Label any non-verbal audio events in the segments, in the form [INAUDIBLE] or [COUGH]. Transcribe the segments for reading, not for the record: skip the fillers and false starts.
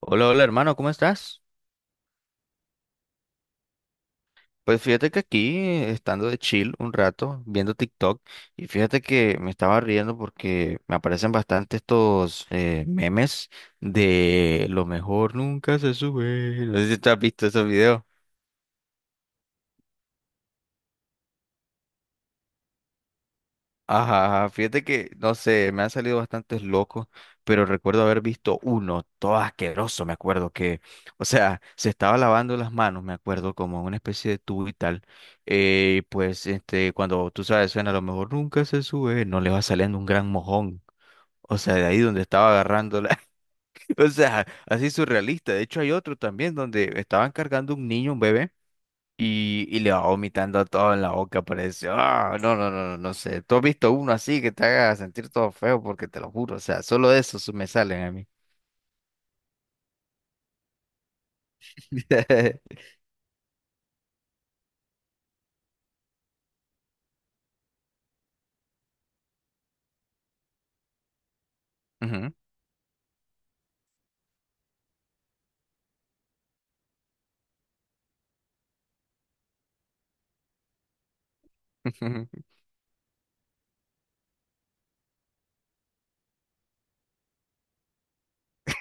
Hola, hola hermano, ¿cómo estás? Pues fíjate que aquí, estando de chill un rato, viendo TikTok, y fíjate que me estaba riendo porque me aparecen bastante estos memes de lo mejor nunca se sube. No sé si tú has visto esos videos. Ajá, fíjate que, no sé, me han salido bastantes locos, pero recuerdo haber visto uno, todo asqueroso, me acuerdo que, o sea, se estaba lavando las manos, me acuerdo, como en una especie de tubo y tal, pues, cuando tú sabes, suena, a lo mejor nunca se sube, no le va saliendo un gran mojón, o sea, de ahí donde estaba agarrándola, [LAUGHS] o sea, así surrealista, de hecho hay otro también donde estaban cargando un niño, un bebé, y le va vomitando todo en la boca, parece. Ah, no, no, no, no, no sé. ¿Tú has visto uno así que te haga sentir todo feo? Porque te lo juro, o sea, solo de eso me salen a mí. [LAUGHS] Ujú. [LAUGHS]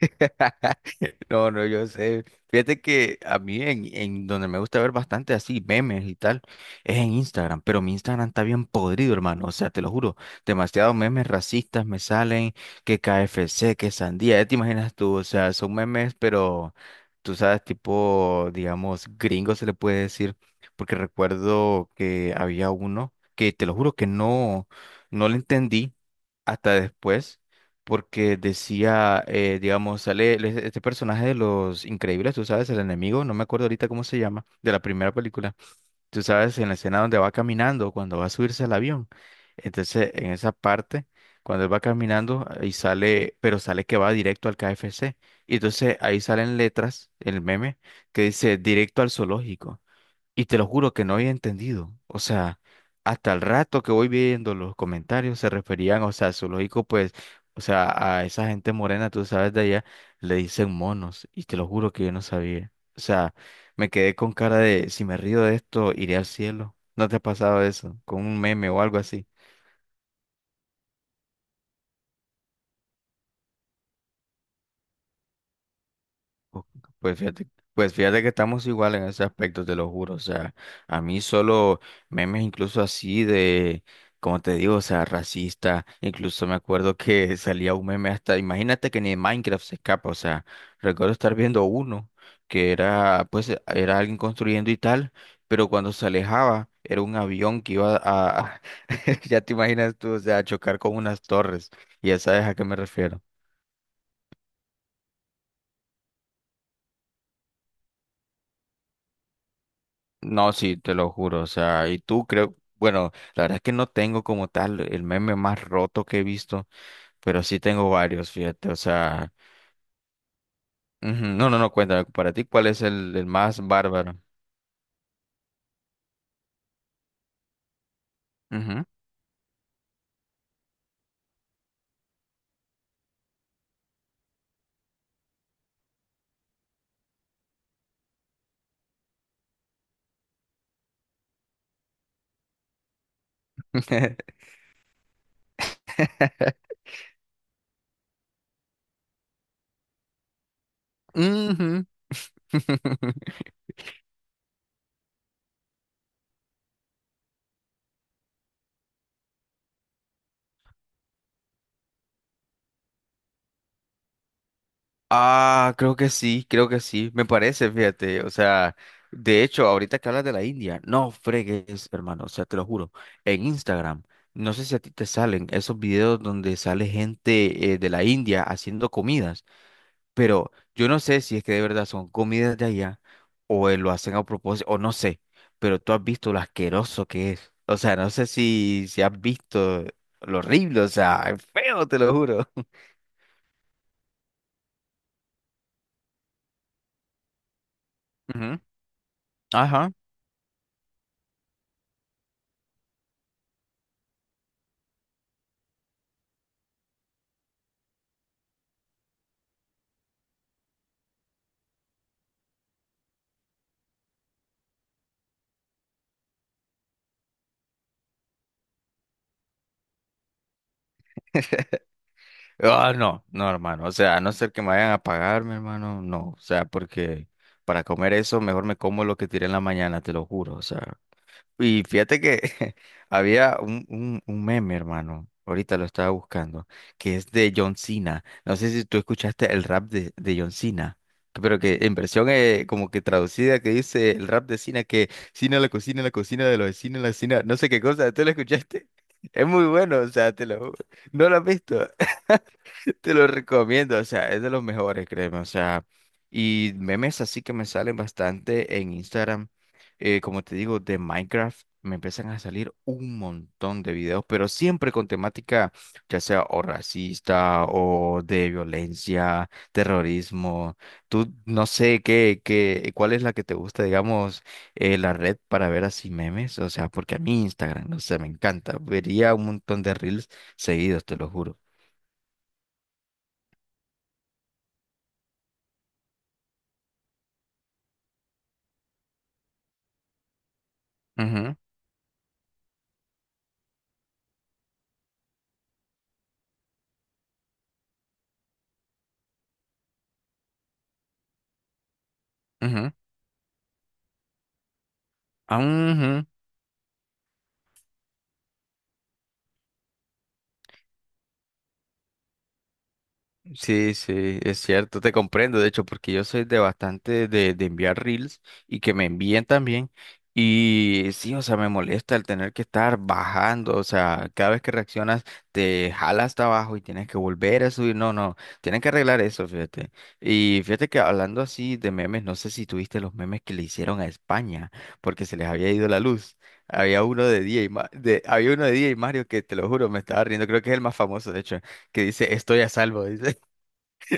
[LAUGHS] No, no, yo sé. Fíjate que a mí en donde me gusta ver bastante así memes y tal es en Instagram, pero mi Instagram está bien podrido, hermano. O sea, te lo juro, demasiados memes racistas me salen, que KFC, que sandía, ya te imaginas tú, o sea, son memes, pero tú sabes, tipo, digamos, gringo se le puede decir, porque recuerdo que había uno que te lo juro que no, no lo entendí hasta después, porque decía, digamos, este personaje de Los Increíbles, tú sabes, el enemigo, no me acuerdo ahorita cómo se llama, de la primera película, tú sabes, en la escena donde va caminando, cuando va a subirse al avión. Entonces, en esa parte, cuando él va caminando y sale, pero sale que va directo al KFC. Y entonces ahí salen letras, el meme, que dice directo al zoológico. Y te lo juro que no había entendido. O sea, hasta el rato que voy viendo los comentarios se referían, o sea, zoológico, pues, o sea, a esa gente morena, tú sabes de allá, le dicen monos. Y te lo juro que yo no sabía. O sea, me quedé con cara de, si me río de esto, iré al cielo. ¿No te ha pasado eso? Con un meme o algo así. Ok. Pues fíjate, pues fíjate que estamos igual en ese aspecto, te lo juro. O sea, a mí solo memes incluso así de, como te digo, o sea, racista. Incluso me acuerdo que [LAUGHS] salía un meme hasta, imagínate que ni en Minecraft se escapa. O sea, recuerdo estar viendo uno que era, pues, era alguien construyendo y tal, pero cuando se alejaba era un avión que iba a, [LAUGHS] ya te imaginas tú, o sea, a chocar con unas torres. Y ya sabes a qué me refiero. No, sí, te lo juro, o sea, y tú creo, bueno, la verdad es que no tengo como tal el meme más roto que he visto, pero sí tengo varios, fíjate, o sea, ujú. No, no, no, cuéntame, para ti, ¿cuál es el más bárbaro? Ujú. [LAUGHS] Ujú. [LAUGHS] Ah, creo que sí, me parece, fíjate, o sea, de hecho, ahorita que hablas de la India, no fregues, hermano, o sea, te lo juro, en Instagram, no sé si a ti te salen esos videos donde sale gente de la India haciendo comidas, pero yo no sé si es que de verdad son comidas de allá o lo hacen a propósito, o no sé, pero tú has visto lo asqueroso que es, o sea, no sé si has visto lo horrible, o sea, es feo, te lo juro. [LAUGHS] Ujú. Ajá. Ah, no, no, hermano. O sea, a no ser que me vayan a pagar, mi hermano, no. O sea, porque para comer eso, mejor me como lo que tiré en la mañana, te lo juro. O sea, y fíjate que [LAUGHS] había un meme, hermano. Ahorita lo estaba buscando, que es de John Cena. No sé si tú escuchaste el rap de John Cena, pero que en versión como que traducida, que dice el rap de Cena, que Cena la cocina de los vecinos, la cocina, no sé qué cosa. ¿Tú lo escuchaste? [LAUGHS] Es muy bueno, o sea, te lo juro. ¿No lo has visto? Te lo recomiendo, o sea, es de los mejores, créeme, o sea, y memes así que me salen bastante en Instagram, como te digo, de Minecraft, me empiezan a salir un montón de videos, pero siempre con temática, ya sea o racista o de violencia, terrorismo, tú no sé qué, cuál es la que te gusta, digamos, la red para ver así memes, o sea, porque a mí Instagram, no sé, me encanta, vería un montón de reels seguidos, te lo juro. Ujú, ujú. Ah, ujú. Sí, sí, es cierto, te comprendo, de hecho, porque yo soy de bastante de enviar reels y que me envíen también. Y sí, o sea, me molesta el tener que estar bajando, o sea, cada vez que reaccionas te jala hasta abajo y tienes que volver a subir. No, no, tienen que arreglar eso, fíjate. Y fíjate que hablando así de memes, no sé si tuviste los memes que le hicieron a España, porque se les había ido la luz. Había uno de DJ, había uno de DJ Mario que te lo juro, me estaba riendo, creo que es el más famoso, de hecho, que dice estoy a salvo, dice.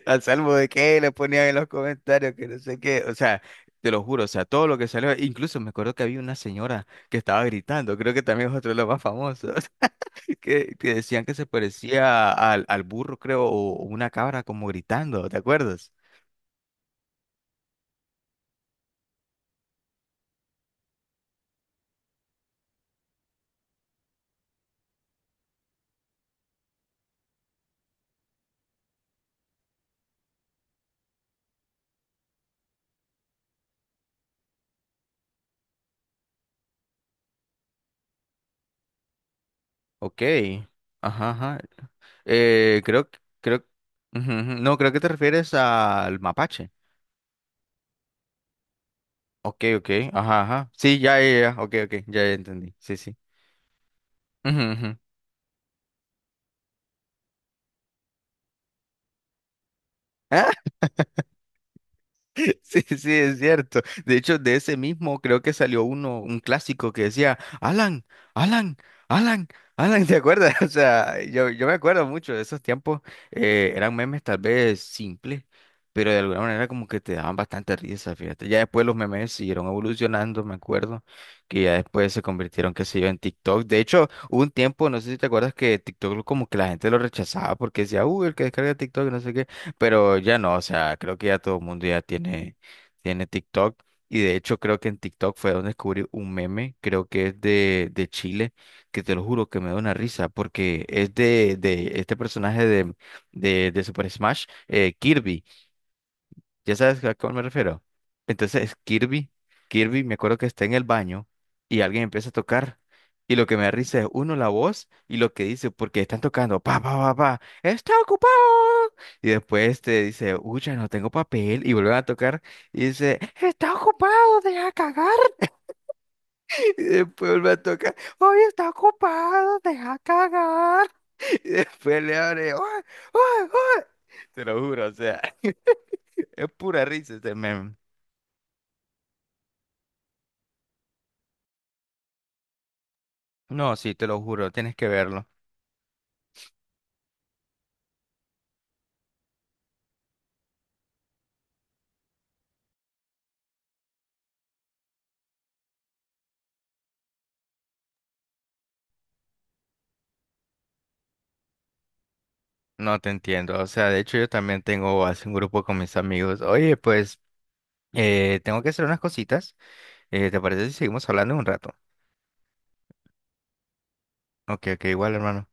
A salvo de que le ponían en los comentarios que no sé qué. O sea, te lo juro, o sea, todo lo que salió. Incluso me acuerdo que había una señora que estaba gritando, creo que también es otro de los más famosos, [LAUGHS] que decían que se parecía al burro, creo, o una cabra como gritando, ¿te acuerdas? Ok. Ajá, ajá. Creo, creo. Ujú, ujú. No, creo que te refieres al mapache. Ok, ok. Ajá, ajá. Sí, ya, ya, ya. Ok, ok. Ya, ya entendí. Sí, sí. Ujú, ujú. [LAUGHS] Sí, sí, es cierto. De hecho, de ese mismo creo que salió uno, un clásico que decía, Alan, Alan, Alan, Alan, ¿te acuerdas? [LAUGHS] O sea, yo me acuerdo mucho de esos tiempos. Eran memes tal vez simples, pero de alguna manera como que te daban bastante risa, fíjate. Ya después los memes siguieron evolucionando, me acuerdo, que ya después se convirtieron, qué sé yo, en TikTok. De hecho, hubo un tiempo, no sé si te acuerdas, que TikTok como que la gente lo rechazaba porque decía, uy, el que descarga TikTok, no sé qué. Pero ya no, o sea, creo que ya todo el mundo ya tiene TikTok. Y de hecho creo que en TikTok fue donde descubrí un meme, creo que es de Chile, que te lo juro que me da una risa, porque es de este personaje de Super Smash, Kirby. ¿Ya sabes a cuál me refiero? Entonces Kirby, me acuerdo que está en el baño y alguien empieza a tocar. Y lo que me da risa es uno la voz y lo que dice, porque están tocando, pa, pa, pa, pa, está ocupado. Y después te dice, uy, ya no tengo papel. Y vuelven a tocar y dice, está ocupado, deja cagar. [LAUGHS] Y después vuelve a tocar, hoy está ocupado, deja cagar. [LAUGHS] Y después le abre, uy, uy, uy. Te lo juro, o sea, [LAUGHS] es pura risa ese meme. No, sí, te lo juro, tienes que verlo. No te entiendo. O sea, de hecho yo también tengo así un grupo con mis amigos. Oye, pues tengo que hacer unas cositas. ¿Te parece si seguimos hablando en un rato? Ok, ok, igual, hermano.